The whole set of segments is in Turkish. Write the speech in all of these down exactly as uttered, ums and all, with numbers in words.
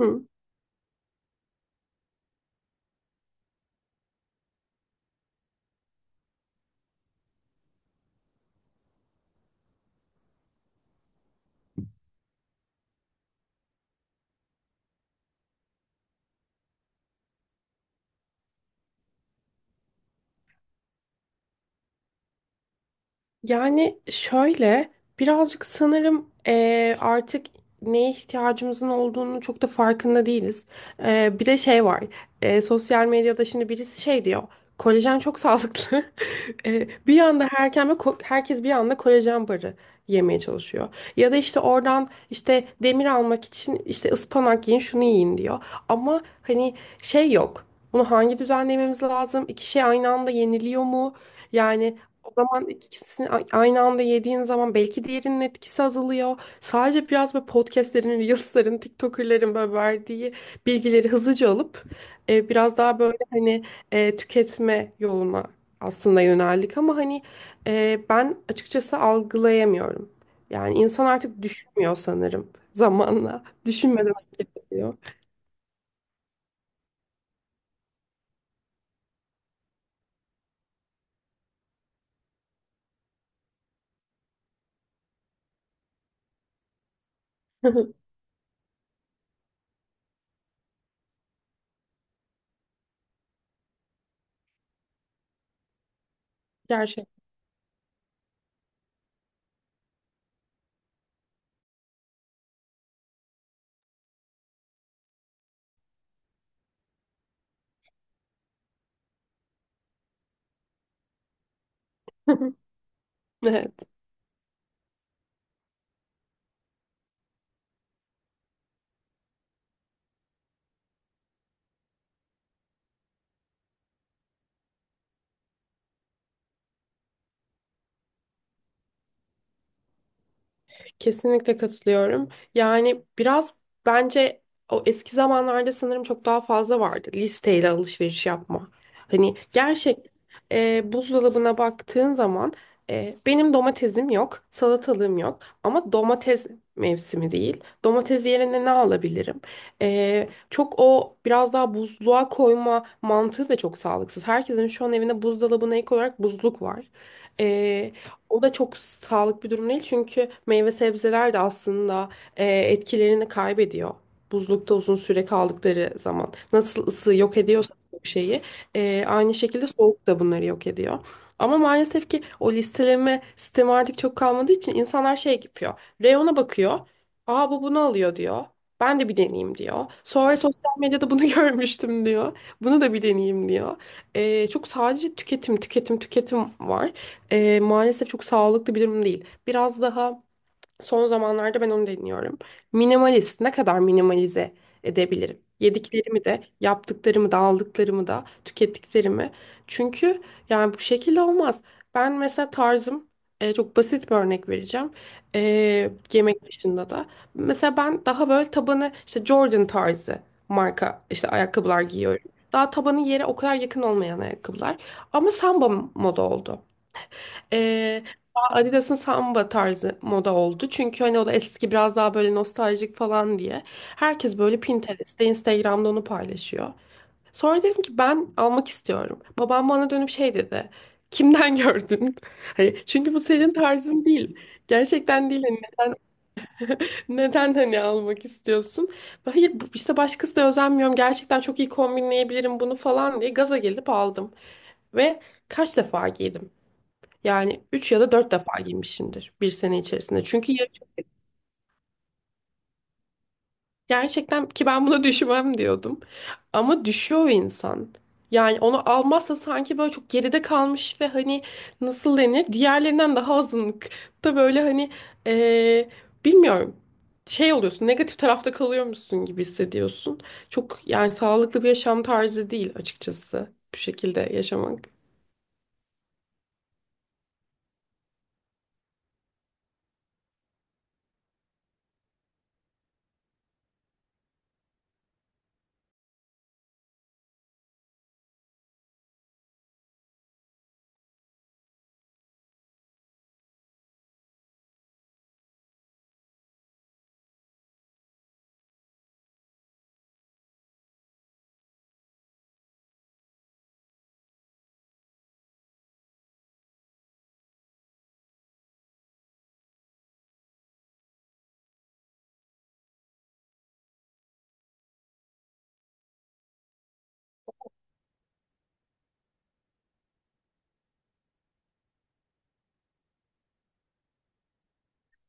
Hı. Yani şöyle birazcık sanırım eee, artık neye ihtiyacımızın olduğunu çok da farkında değiliz. Eee, bir de şey var. Eee, sosyal medyada şimdi birisi şey diyor. Kolajen çok sağlıklı. Eee, bir anda herkeme, ko- herkes bir anda kolajen barı yemeye çalışıyor. Ya da işte oradan işte demir almak için işte ıspanak yiyin şunu yiyin diyor. Ama hani şey yok. Bunu hangi düzenlememiz lazım? İki şey aynı anda yeniliyor mu? Yani o zaman ikisini a- aynı anda yediğin zaman belki diğerinin etkisi azalıyor. Sadece biraz böyle podcastlerin, reelslerin, TikToker'lerin böyle verdiği bilgileri hızlıca alıp e, biraz daha böyle hani e, tüketme yoluna aslında yöneldik ama hani e, ben açıkçası algılayamıyorum. Yani insan artık düşünmüyor sanırım zamanla. Düşünmeden hareket ediyor. Gerçekten. Evet. Kesinlikle katılıyorum. Yani biraz bence o eski zamanlarda sanırım çok daha fazla vardı listeyle alışveriş yapma. Hani gerçek e, buzdolabına baktığın zaman e, benim domatesim yok, salatalığım yok ama domates mevsimi değil. Domates yerine ne alabilirim? E, çok o biraz daha buzluğa koyma mantığı da çok sağlıksız. Herkesin şu an evinde buzdolabına ek olarak buzluk var. O da çok sağlıklı bir durum değil çünkü meyve sebzeler de aslında e, etkilerini kaybediyor. Buzlukta uzun süre kaldıkları zaman. Nasıl ısı yok ediyorsa bir şeyi e, aynı şekilde soğuk da bunları yok ediyor. Ama maalesef ki o listeleme sistemi artık çok kalmadığı için insanlar şey yapıyor. Reyona bakıyor. Aa bu bunu alıyor diyor. Ben de bir deneyeyim diyor. Sonra sosyal medyada bunu görmüştüm diyor. Bunu da bir deneyeyim diyor. E, çok sadece tüketim, tüketim, tüketim var. Ee, maalesef çok sağlıklı bir durum değil. Biraz daha son zamanlarda ben onu deniyorum. Minimalist, ne kadar minimalize edebilirim? Yediklerimi de, yaptıklarımı da, aldıklarımı da, tükettiklerimi. Çünkü yani bu şekilde olmaz. Ben mesela tarzım, e, çok basit bir örnek vereceğim. Ee, yemek dışında da. Mesela ben daha böyle tabanı işte Jordan tarzı marka işte ayakkabılar giyiyorum. Daha tabanı yere o kadar yakın olmayan ayakkabılar. Ama samba moda oldu. Ee, Adidas'ın samba tarzı moda oldu. Çünkü hani o da eski biraz daha böyle nostaljik falan diye. Herkes böyle Pinterest'te, Instagram'da onu paylaşıyor. Sonra dedim ki ben almak istiyorum. Babam bana dönüp şey dedi. Kimden gördün? Hani çünkü bu senin tarzın değil. Gerçekten değil. Hani Neden, neden hani almak istiyorsun? Hayır bu- işte başkası da özenmiyorum. Gerçekten çok iyi kombinleyebilirim bunu falan diye gaza gelip aldım. Ve kaç defa giydim? Yani üç ya da dört defa giymişimdir bir sene içerisinde. Çünkü yarış- gerçekten ki ben buna düşmem diyordum. Ama düşüyor insan. Yani onu almazsa sanki böyle çok geride kalmış ve hani nasıl denir? Diğerlerinden daha azınlıkta böyle hani eee, bilmiyorum. Şey oluyorsun negatif tarafta kalıyormuşsun gibi hissediyorsun. Çok yani sağlıklı bir yaşam tarzı değil açıkçası bu şekilde yaşamak.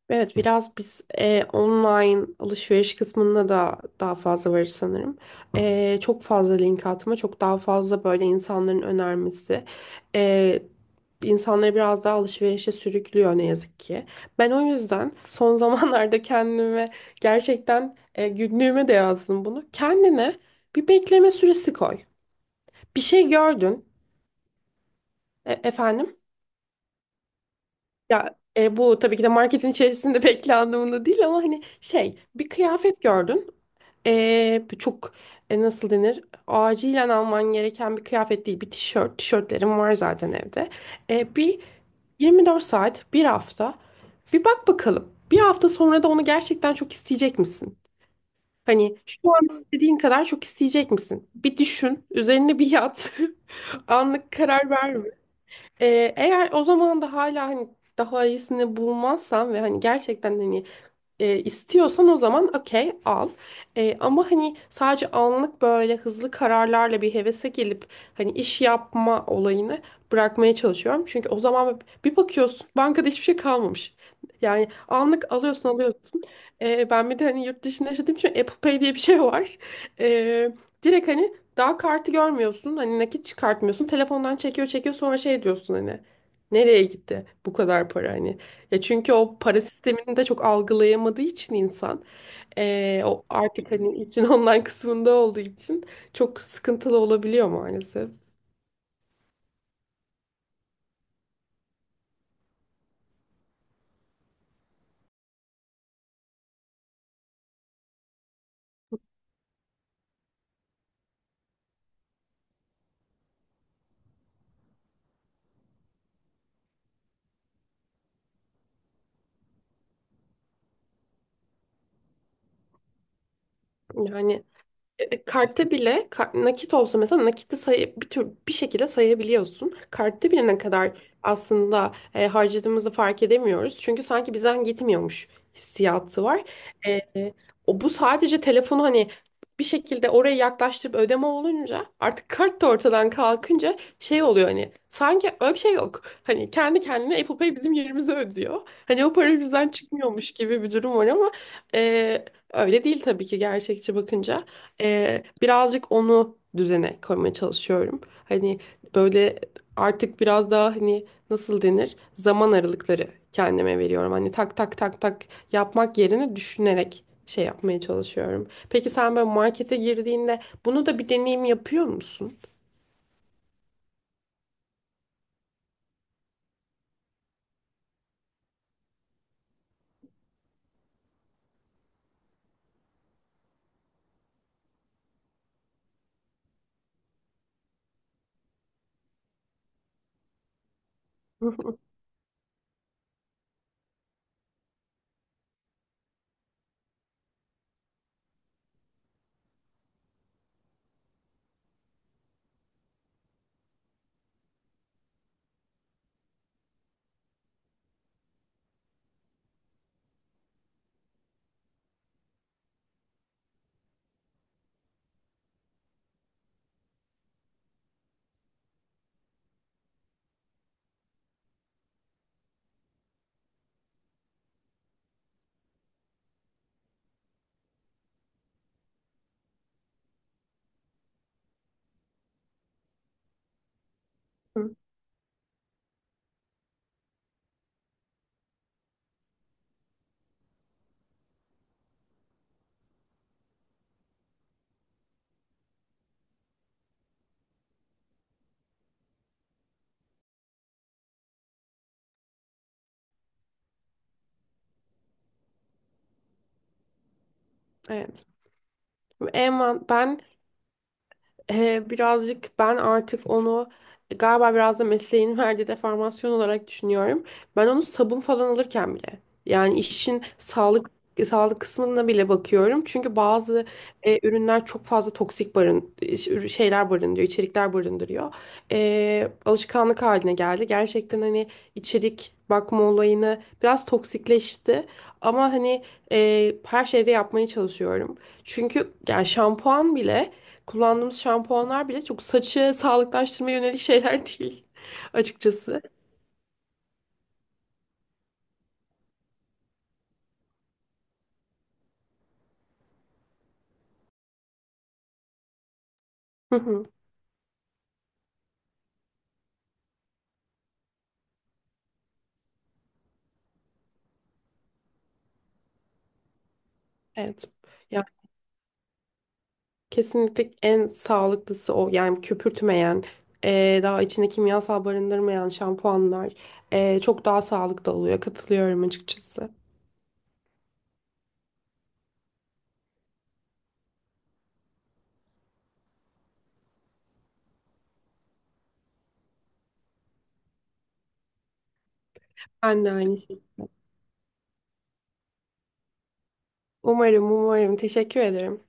Evet biraz biz e, online alışveriş kısmında da daha fazla varız sanırım. E, çok fazla link atma, çok daha fazla böyle insanların önermesi. E, insanları biraz daha alışverişe sürüklüyor ne yazık ki. Ben o yüzden son zamanlarda kendime gerçekten e, günlüğüme de yazdım bunu. Kendine bir bekleme süresi koy. Bir şey gördün e, efendim. Ya e, bu tabii ki de marketin içerisinde bekle anlamında değil ama hani şey bir kıyafet gördün. E, bu çok e, nasıl denir? Acilen alman gereken bir kıyafet değil. Bir tişört. Tişörtlerim var zaten evde. E, bir yirmi dört saat, bir hafta. Bir bak bakalım. Bir hafta sonra da onu gerçekten çok isteyecek misin? Hani şu an istediğin kadar çok isteyecek misin? Bir düşün, üzerine bir yat. Anlık karar verme. Ee, eğer o zaman da hala hani daha iyisini bulmazsam ve hani gerçekten hani e, istiyorsan o zaman okey al. E, ama hani sadece anlık böyle hızlı kararlarla bir hevese gelip hani iş yapma olayını bırakmaya çalışıyorum. Çünkü o zaman bir bakıyorsun bankada hiçbir şey kalmamış. Yani anlık alıyorsun alıyorsun. E, ben bir de hani yurt dışında yaşadığım için Apple Pay diye bir şey var. E, Direkt hani daha kartı görmüyorsun. Hani nakit çıkartmıyorsun. Telefondan çekiyor çekiyor sonra şey diyorsun hani. Nereye gitti bu kadar para hani. Ya çünkü o para sistemini de çok algılayamadığı için insan eee, o artık hani için online kısmında olduğu için çok sıkıntılı olabiliyor maalesef. Yani E, kartta bile ka- nakit olsa mesela nakiti sayı bir tür bir şekilde sayabiliyorsun. Kartta bile ne kadar aslında e, harcadığımızı fark edemiyoruz. Çünkü sanki bizden gitmiyormuş hissiyatı var. E, O bu sadece telefonu hani bir şekilde oraya yaklaştırıp ödeme olunca artık kart da ortadan kalkınca şey oluyor hani sanki öyle bir şey yok. Hani kendi kendine Apple Pay bizim yerimize ödüyor. Hani o para bizden çıkmıyormuş gibi bir durum var ama e, öyle değil tabii ki gerçekçi bakınca. Ee, birazcık onu düzene koymaya çalışıyorum. Hani böyle artık biraz daha hani nasıl denir? Zaman aralıkları kendime veriyorum. Hani tak tak tak tak yapmak yerine düşünerek şey yapmaya çalışıyorum. Peki sen böyle markete girdiğinde bunu da bir deneyim yapıyor musun? Evet. En, ben Ee, birazcık ben artık onu galiba biraz da mesleğin verdiği deformasyon olarak düşünüyorum. Ben onu sabun falan alırken bile yani işin sağlık sağlık kısmına bile bakıyorum. Çünkü bazı e, ürünler çok fazla toksik barın ürü- şeyler barındırıyor, içerikler barındırıyor. Ee, alışkanlık haline geldi. Gerçekten hani içerik bakma olayını biraz toksikleşti. Ama hani e, her şeyde yapmaya çalışıyorum. Çünkü yani şampuan bile kullandığımız şampuanlar bile çok saçı sağlıklaştırmaya yönelik şeyler değil açıkçası. Hı hı. Evet. Ya kesinlikle en sağlıklısı o. Yani köpürtmeyen, e, daha içinde kimyasal barındırmayan şampuanlar e, çok daha sağlıklı oluyor. Katılıyorum açıkçası. Ben de aynı şey. Umarım, umarım. Teşekkür ederim.